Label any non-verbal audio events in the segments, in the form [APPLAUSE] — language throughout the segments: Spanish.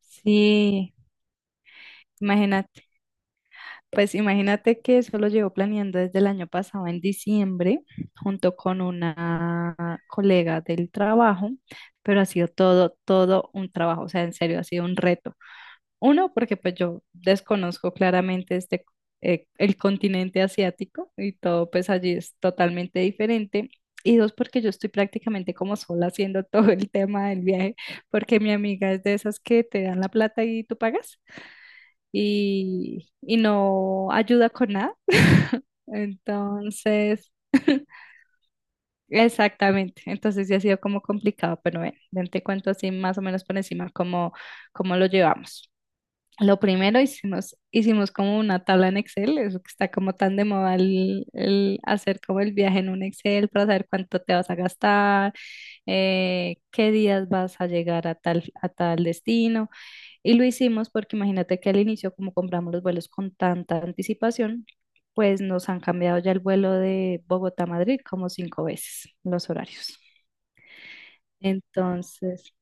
Sí, imagínate, imagínate que eso lo llevo planeando desde el año pasado en diciembre, junto con una colega del trabajo, pero ha sido todo, todo un trabajo, o sea, en serio, ha sido un reto. Uno, porque pues yo desconozco claramente este, el continente asiático y todo pues allí es totalmente diferente. Y dos, porque yo estoy prácticamente como sola haciendo [LAUGHS] todo el tema del viaje, porque mi amiga es de esas que te dan la plata y tú pagas. Y no ayuda con nada. Entonces, [LAUGHS] exactamente. Entonces sí ha sido como complicado, pero bueno, ven, te cuento así más o menos por encima cómo lo llevamos. Lo primero hicimos como una tabla en Excel, eso que está como tan de moda el hacer como el viaje en un Excel para saber cuánto te vas a gastar, qué días vas a llegar a tal destino. Y lo hicimos porque imagínate que al inicio, como compramos los vuelos con tanta anticipación, pues nos han cambiado ya el vuelo de Bogotá a Madrid como 5 veces los horarios. Entonces,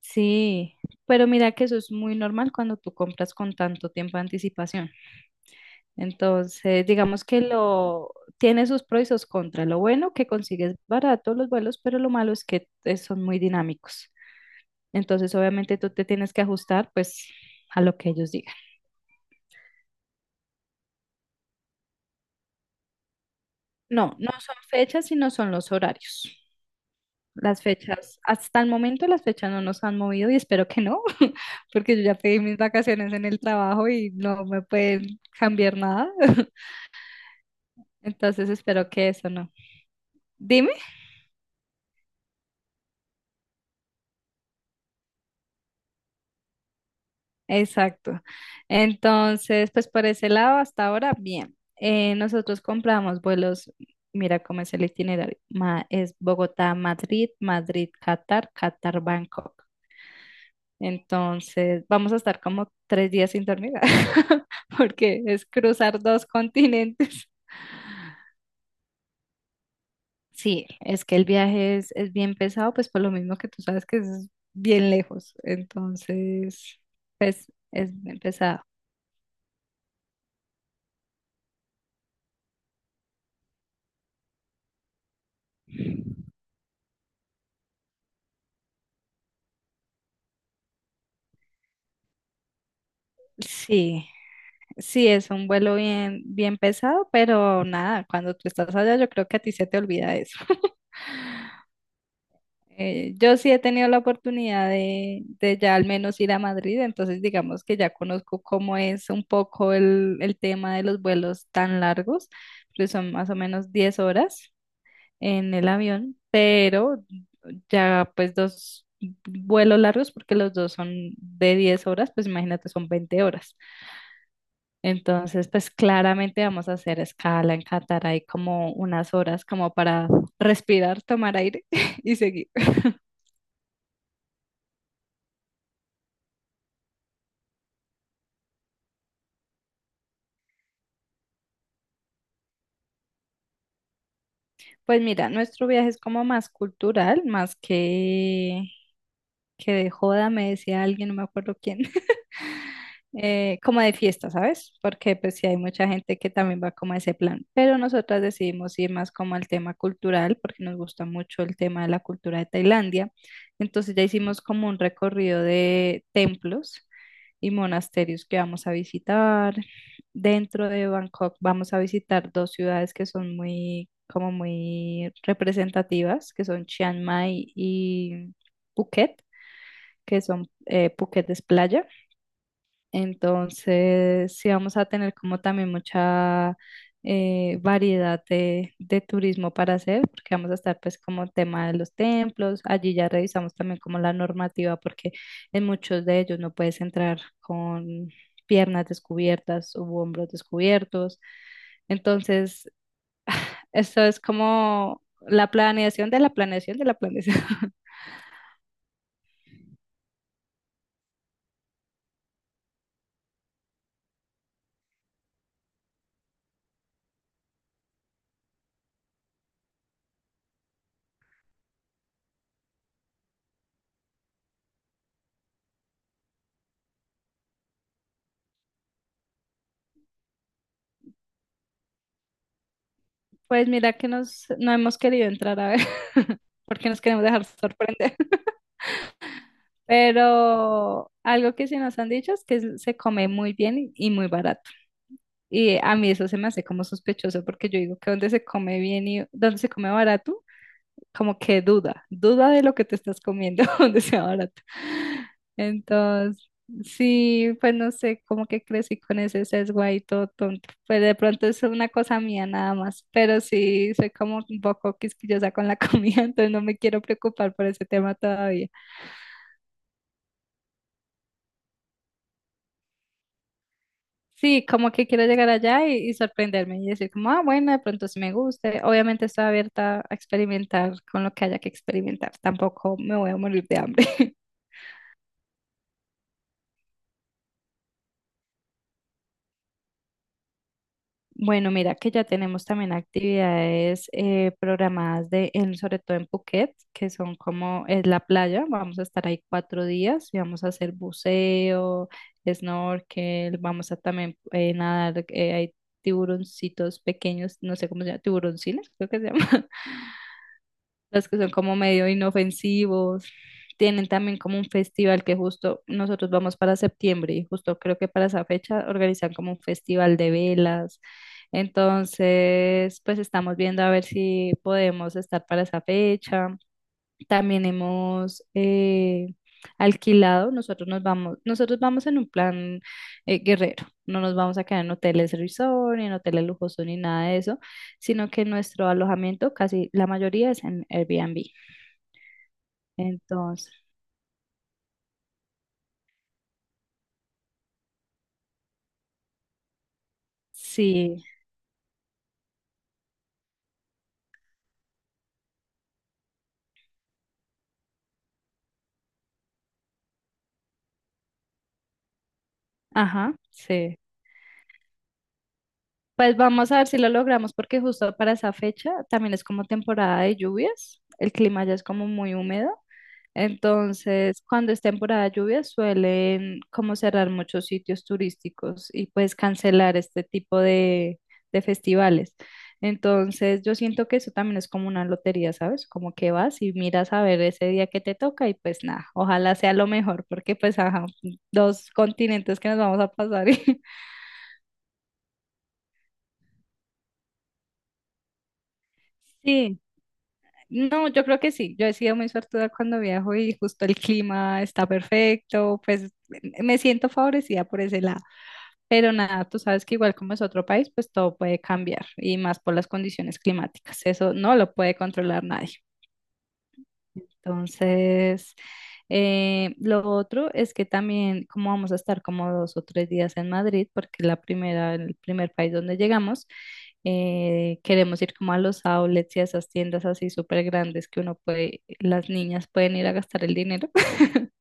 sí, pero mira que eso es muy normal cuando tú compras con tanto tiempo de anticipación. Entonces, digamos que lo tiene sus pros y sus contras. Lo bueno que consigues barato los vuelos, pero lo malo es que son muy dinámicos. Entonces, obviamente tú te tienes que ajustar pues a lo que ellos digan. No, no son fechas, sino son los horarios. Las fechas, hasta el momento las fechas no nos han movido y espero que no, [LAUGHS] porque yo ya pedí mis vacaciones en el trabajo y no me pueden cambiar nada. [LAUGHS] Entonces espero que eso no. Dime. Exacto. Entonces, pues por ese lado, hasta ahora, bien. Nosotros compramos vuelos, mira cómo es el itinerario. Es Bogotá, Madrid, Madrid, Qatar, Qatar, Bangkok. Entonces, vamos a estar como 3 días sin dormir, [LAUGHS] porque es cruzar dos continentes. Sí, es que el viaje es bien pesado, pues por lo mismo que tú sabes que es bien lejos. Entonces, pues es bien pesado. Sí, sí, es un vuelo bien, bien pesado, pero nada, cuando tú estás allá, yo creo que a ti se te olvida eso. [LAUGHS] Yo sí he tenido la oportunidad de ya al menos ir a Madrid, entonces digamos que ya conozco cómo es un poco el tema de los vuelos tan largos, que son más o menos 10 horas en el avión, pero ya pues dos vuelos largos, porque los dos son de 10 horas, pues imagínate, son 20 horas. Entonces, pues claramente vamos a hacer escala en Qatar, hay como unas horas como para respirar, tomar aire [LAUGHS] y seguir. Pues mira, nuestro viaje es como más cultural, más que de joda, me decía alguien, no me acuerdo quién, [LAUGHS] como de fiesta, ¿sabes? Porque pues sí hay mucha gente que también va como a ese plan, pero nosotras decidimos ir más como al tema cultural, porque nos gusta mucho el tema de la cultura de Tailandia. Entonces ya hicimos como un recorrido de templos y monasterios que vamos a visitar. Dentro de Bangkok vamos a visitar dos ciudades que son muy, como muy representativas, que son Chiang Mai y Phuket, que son Phuket es playa. Entonces, sí vamos a tener como también mucha variedad de turismo para hacer, porque vamos a estar pues como tema de los templos, allí ya revisamos también como la normativa, porque en muchos de ellos no puedes entrar con piernas descubiertas u hombros descubiertos. Entonces, esto es como la planeación de la planeación de la planeación. [LAUGHS] Pues mira que no hemos querido entrar a ver, [LAUGHS] porque nos queremos dejar sorprender. Pero algo que sí nos han dicho es que se come muy bien y muy barato. Y a mí eso se me hace como sospechoso porque yo digo que donde se come bien y donde se come barato, como que duda, duda de lo que te estás comiendo [LAUGHS] donde sea barato. Entonces, sí, pues no sé, como que crecí con ese sesgo ahí todo tonto. Pues de pronto es una cosa mía nada más, pero sí soy como un poco quisquillosa con la [LAUGHS] comida, entonces no me quiero preocupar por ese tema todavía. Sí, como que quiero llegar allá y sorprenderme y decir como, ah, bueno, de pronto sí me guste. Obviamente estoy abierta a experimentar con lo que haya que experimentar. Tampoco me voy a morir de hambre. [LAUGHS] Bueno, mira que ya tenemos también actividades programadas sobre todo en Phuket, que son como es la playa. Vamos a estar ahí 4 días y vamos a hacer buceo, snorkel, vamos a también nadar, hay tiburoncitos pequeños, no sé cómo se llama, tiburoncines, creo que se llama. Los que son como medio inofensivos. Tienen también como un festival que justo nosotros vamos para septiembre y justo creo que para esa fecha organizan como un festival de velas. Entonces, pues estamos viendo a ver si podemos estar para esa fecha. También hemos alquilado, nosotros nos vamos, nosotros vamos en un plan guerrero, no nos vamos a quedar en hoteles resort, ni en hoteles lujosos, ni nada de eso, sino que nuestro alojamiento, casi la mayoría es en Airbnb. Entonces, sí, ajá, sí. Pues vamos a ver si lo logramos porque justo para esa fecha también es como temporada de lluvias, el clima ya es como muy húmedo. Entonces, cuando es temporada de lluvia, suelen como cerrar muchos sitios turísticos y pues cancelar este tipo de festivales. Entonces, yo siento que eso también es como una lotería, ¿sabes? Como que vas y miras a ver ese día que te toca y pues nada, ojalá sea lo mejor, porque pues ajá, dos continentes que nos vamos a pasar. [LAUGHS] Sí, no, yo creo que sí. Yo he sido muy suertuda cuando viajo y justo el clima está perfecto, pues me siento favorecida por ese lado. Pero nada, tú sabes que igual como es otro país, pues todo puede cambiar y más por las condiciones climáticas. Eso no lo puede controlar nadie. Entonces, lo otro es que también como vamos a estar como 2 o 3 días en Madrid, porque el primer país donde llegamos, queremos ir como a los outlets y a esas tiendas así súper grandes que uno puede, las niñas pueden ir a gastar el dinero. [LAUGHS]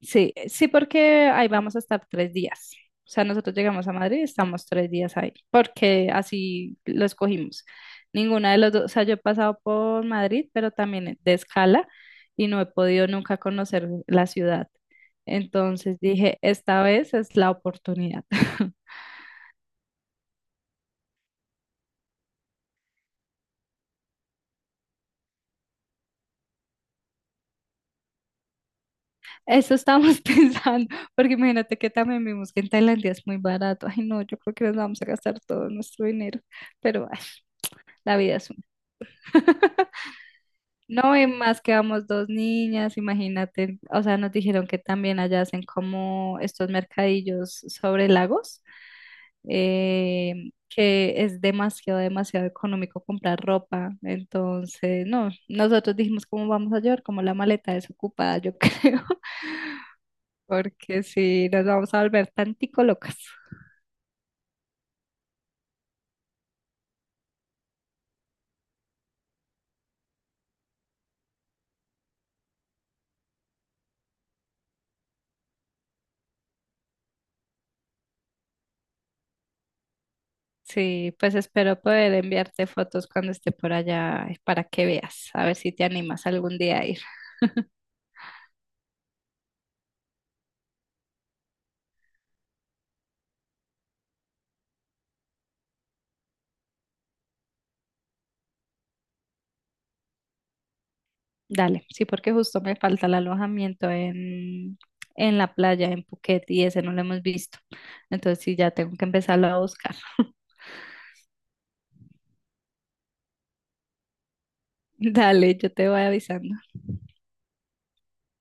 Sí, sí, porque ahí vamos a estar 3 días. O sea, nosotros llegamos a Madrid y estamos 3 días ahí, porque así lo escogimos. Ninguna de los dos, o sea, yo he pasado por Madrid, pero también de escala y no he podido nunca conocer la ciudad. Entonces dije, esta vez es la oportunidad. [LAUGHS] Eso estábamos [LAUGHS] pensando, porque imagínate que también vimos que en Tailandia es muy barato. Ay, no, yo creo que nos vamos a gastar todo nuestro dinero, pero ay, la vida es una. [LAUGHS] No, y más que vamos dos niñas, imagínate, o sea, nos dijeron que también allá hacen como estos mercadillos sobre lagos, eh, que es demasiado, demasiado económico comprar ropa. Entonces, no, nosotros dijimos cómo vamos a llevar, como la maleta desocupada, yo [LAUGHS] creo, porque si nos vamos a volver tantico locas. Sí, pues espero poder enviarte fotos cuando esté por allá para que veas, a ver si te animas algún día a ir. [LAUGHS] Dale, sí, porque justo me falta el alojamiento en la playa, en Phuket, y ese no lo hemos visto. Entonces sí, ya tengo que empezarlo a buscar. [LAUGHS] Dale, yo te voy avisando.